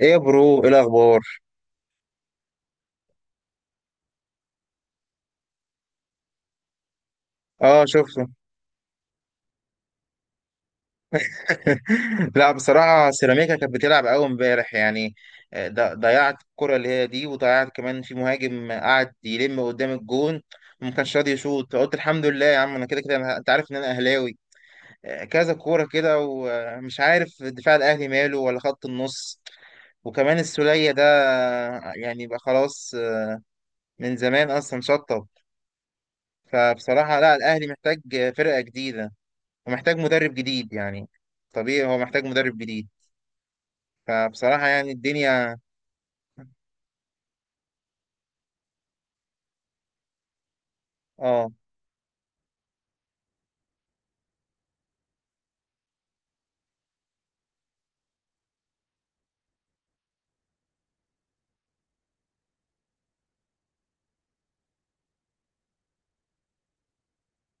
ايه يا برو؟ ايه الاخبار؟ اه شفته. لا بصراحه سيراميكا كانت بتلعب قوي امبارح يعني. ضيعت الكره اللي هي دي، وضيعت كمان في مهاجم قعد يلم قدام الجون وما كانش راضي يشوط. قلت الحمد لله يا عم، انا كده كده انت عارف ان انا اهلاوي. كذا كوره كده، ومش عارف دفاع الاهلي ماله ولا خط النص. وكمان السولية ده يعني بقى خلاص، من زمان اصلا شطب. فبصراحه لا، الاهلي محتاج فرقه جديده، ومحتاج مدرب جديد يعني. طبيعي هو محتاج مدرب جديد. فبصراحة يعني الدنيا... اه.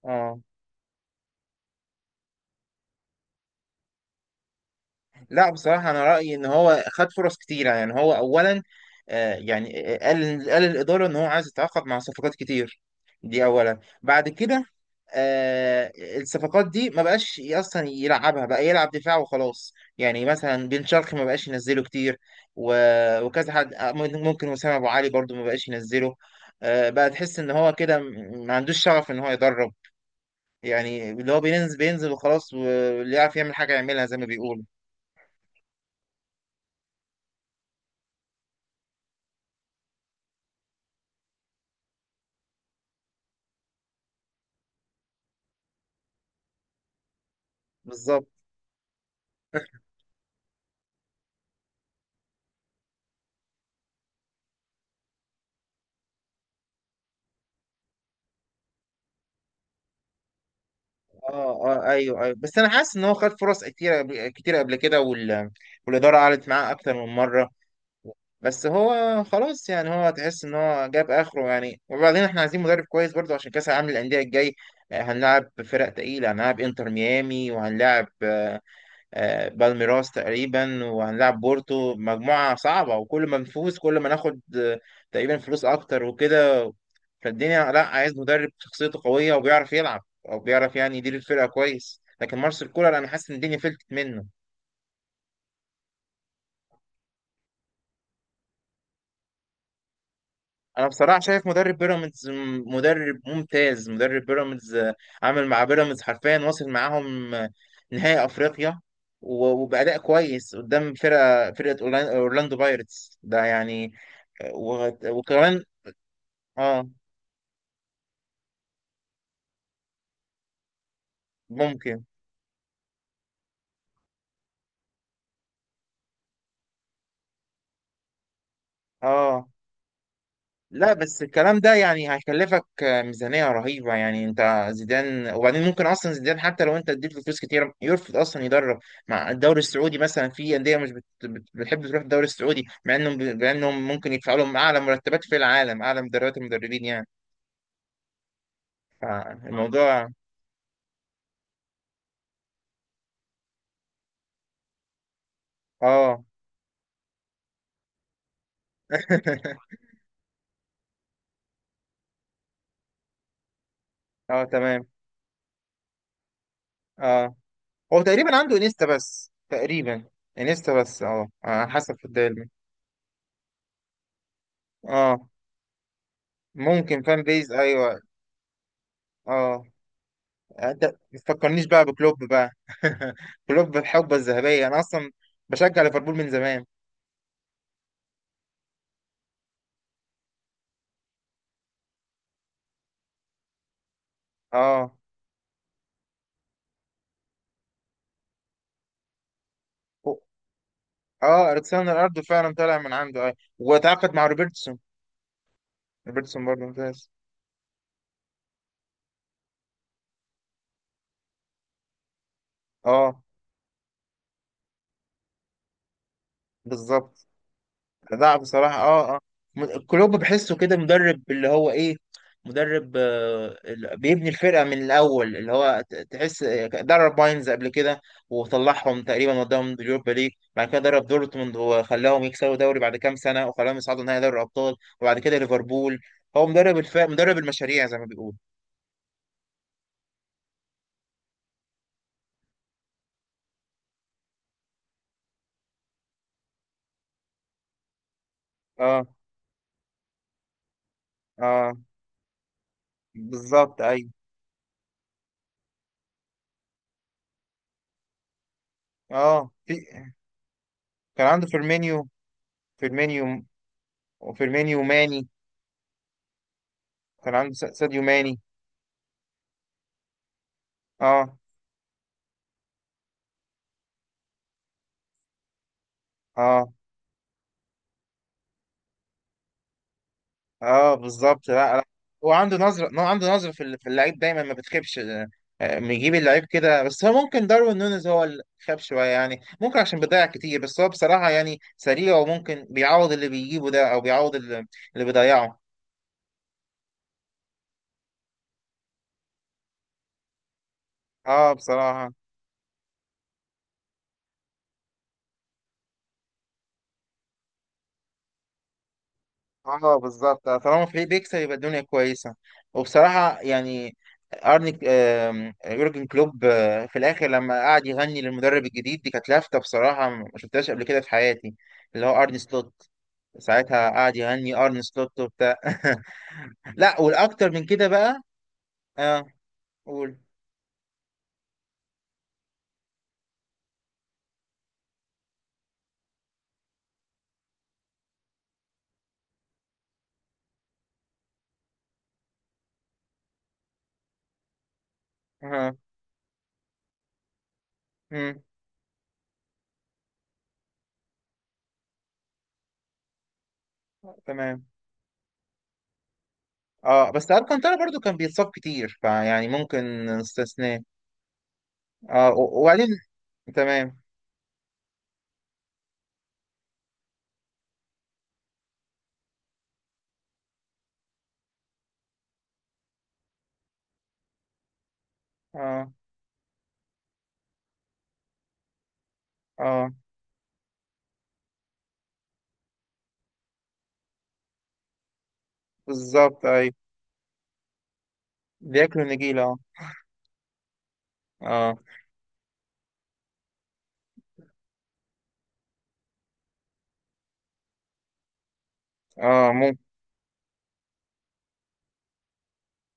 اه، لا بصراحة أنا رأيي إن هو خد فرص كتيرة. يعني هو أولا يعني قال الإدارة إن هو عايز يتعاقد مع صفقات كتير، دي أولا. بعد كده آه، الصفقات دي ما بقاش أصلا يلعبها، بقى يلعب دفاع وخلاص. يعني مثلا بن شرقي ما بقاش ينزله كتير، وكذا حد ممكن وسام أبو علي برضو ما بقاش ينزله. بقى تحس إن هو كده ما عندوش شغف إن هو يدرب. يعني اللي هو بينزل بينزل وخلاص، واللي يعرف يعمل حاجة يعملها زي ما بيقولوا. بالظبط. اه، اه، ايوه، ايوه، بس انا حاسس ان هو خد فرص كتير كتير قبل كده والاداره قعدت معاه اكتر من مره، بس هو خلاص. يعني هو تحس ان هو جاب اخره يعني. وبعدين احنا عايزين مدرب كويس برضو عشان كاس العالم للانديه الجاي. هنلعب فرق تقيله، هنلعب انتر ميامي، وهنلعب بالميراس تقريبا، وهنلعب بورتو، مجموعة صعبة. وكل ما نفوز كل ما ناخد تقريبا فلوس أكتر وكده. فالدنيا لا، عايز مدرب شخصيته قوية وبيعرف يلعب، أو بيعرف يعني يدير الفرقة كويس. لكن مارسيل كولر أنا حاسس إن الدنيا فلتت منه. أنا بصراحة شايف مدرب بيراميدز مدرب ممتاز. مدرب بيراميدز عامل مع بيراميدز حرفيا، واصل معاهم نهائي أفريقيا، وبأداء كويس قدام فرقة أورلاندو بايرتس ده يعني. وكمان. اه. ممكن. اه. لا بس الكلام ده يعني هيكلفك ميزانية رهيبة يعني. انت زيدان؟ وبعدين ممكن اصلا زيدان حتى لو انت اديت له فلوس كتير يرفض اصلا يدرب مع الدوري السعودي. مثلا في اندية مش بتحب تروح الدوري السعودي، مع انهم مع انهم ممكن يدفعوا لهم اعلى مرتبات في العالم، اعلى المدربين يعني. فالموضوع. اه. اه تمام. اه، هو تقريبا عنده انيستا بس، تقريبا انيستا بس. اه على حسب في الدوري. اه ممكن فان بيز، ايوه. اه يعني انت ما تفكرنيش بقى بكلوب بقى. كلوب الحقبه الذهبيه، انا اصلا بشجع ليفربول من زمان. اه. اه الكسندر ارنولد فعلا طالع من عنده اي، وتعاقد مع روبرتسون. روبرتسون برضه ممتاز. اه بالظبط. لا بصراحة، اه، اه، كلوب بحسه كده مدرب اللي هو ايه، مدرب بيبني الفرقة من الأول. اللي هو تحس درب باينز قبل كده وطلعهم تقريبا وداهم اليوروبا ليج، بعد كده درب دورتموند وخلاهم يكسبوا دوري بعد كام سنة وخلاهم يصعدوا نهائي دوري الأبطال، وبعد كده ليفربول. هو مدرب مدرب المشاريع زي ما بيقول. اه. اه بالظبط ايوه. اه في. كان عنده فيرمينيو. فيرمينيو. وفيرمينيو ماني. كان عنده ساديو ماني. اه. اه. اه بالظبط، لا لا. هو عنده نظره، هو عنده نظره في في اللعيب دايما ما بتخيبش، بيجيب اللعيب كده. بس هو ممكن داروين نونيز هو اللي خاب شويه يعني، ممكن عشان بيضيع كتير. بس هو بصراحه يعني سريع، وممكن بيعوض اللي بيجيبه ده، او بيعوض اللي بيضيعه. اه بصراحه. اه بالظبط، طالما فريق بيكسب يبقى الدنيا كويسه. وبصراحه يعني ارني يورجن كلوب في الاخر لما قعد يغني للمدرب الجديد دي، كانت لافته بصراحه ما شفتهاش قبل كده في حياتي. اللي هو ارني سلوت. ساعتها قعد يهني ارن سلوت وبتاع. لا والاكتر من كده بقى. اه قول. اه. مم. تمام. اه بس الكانتارا برضو كان بيتصاب كتير، فيعني ممكن نستثناه. اه، وبعدين تمام. اه، اه بالظبط ايوه، بياكلوا النجيلة اه. اه ممكن.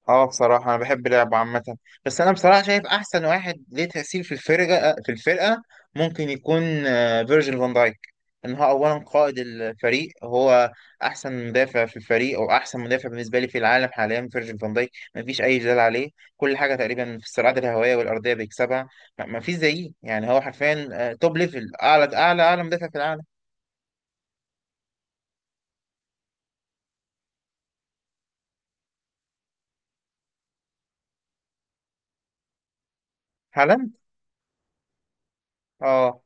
اه بصراحة أنا بحب لعبه عامة. بس أنا بصراحة شايف أحسن واحد ليه تأثير في الفرقة، ممكن يكون فيرجيل فان دايك. إن هو أولا قائد الفريق، هو أحسن مدافع في الفريق، أو أحسن مدافع بالنسبة لي في العالم حاليا فيرجيل فان دايك، مفيش أي جدال عليه. كل حاجة تقريبا في الصراعات الهوائية والأرضية بيكسبها. مفيش زيه يعني، هو حرفيا توب ليفل، أعلى أعلى أعلى مدافع في العالم. هالاند. اه.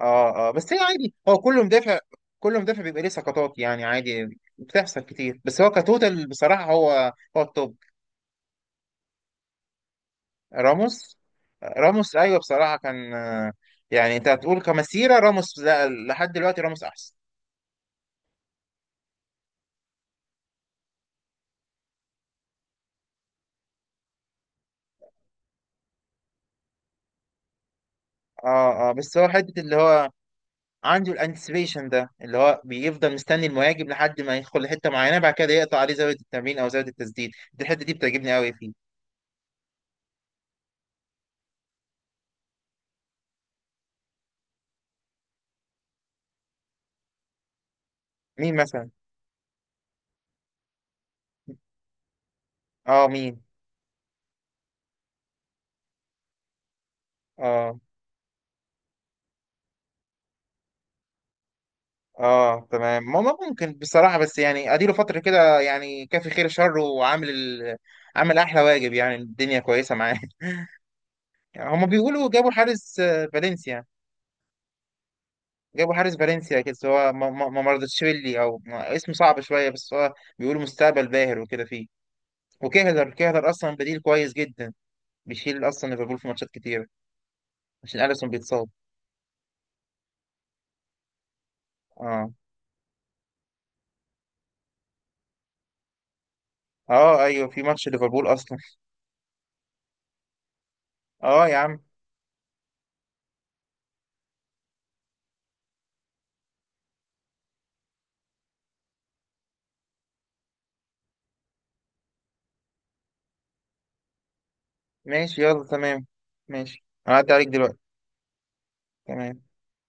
اه. اه بس هي عادي، هو كل مدافع، كل مدافع بيبقى ليه سقطات يعني، عادي بتحصل كتير. بس هو كتوتال بصراحة، هو التوب. راموس. راموس ايوه بصراحة، كان يعني انت هتقول كمسيرة راموس؟ لا لحد دلوقتي راموس احسن. اه. اه بس هو حتة اللي هو عنده الانتسبيشن ده، اللي هو بيفضل مستني المهاجم لحد ما يدخل لحتة معينة، بعد كده يقطع عليه زاوية التمرير او زاوية التسديد. دي الحتة دي بتعجبني قوي فيه. مين مثلا؟ اه مين؟ اه. اه تمام. ما ممكن بصراحة، بس يعني اديله فترة كده يعني، كافي خير شر وعامل عامل احلى واجب يعني. الدنيا كويسة معاه. يعني هما بيقولوا جابوا حارس فالنسيا. جابوا حارس فالنسيا كده، بس هو ما مرضتشفيلي او ما- اسمه صعب شوية، بس هو بيقولوا مستقبل باهر وكده فيه. وكهلر، كهلر اصلا بديل كويس جدا، بيشيل اصلا ليفربول في ماتشات كتيرة عشان اليسون بيتصاب. اه. اه ايوه في ماتش ليفربول اصلا. اه يا عم. ماشي يلا تمام. ماشي هعدي عليك دلوقتي. تمام.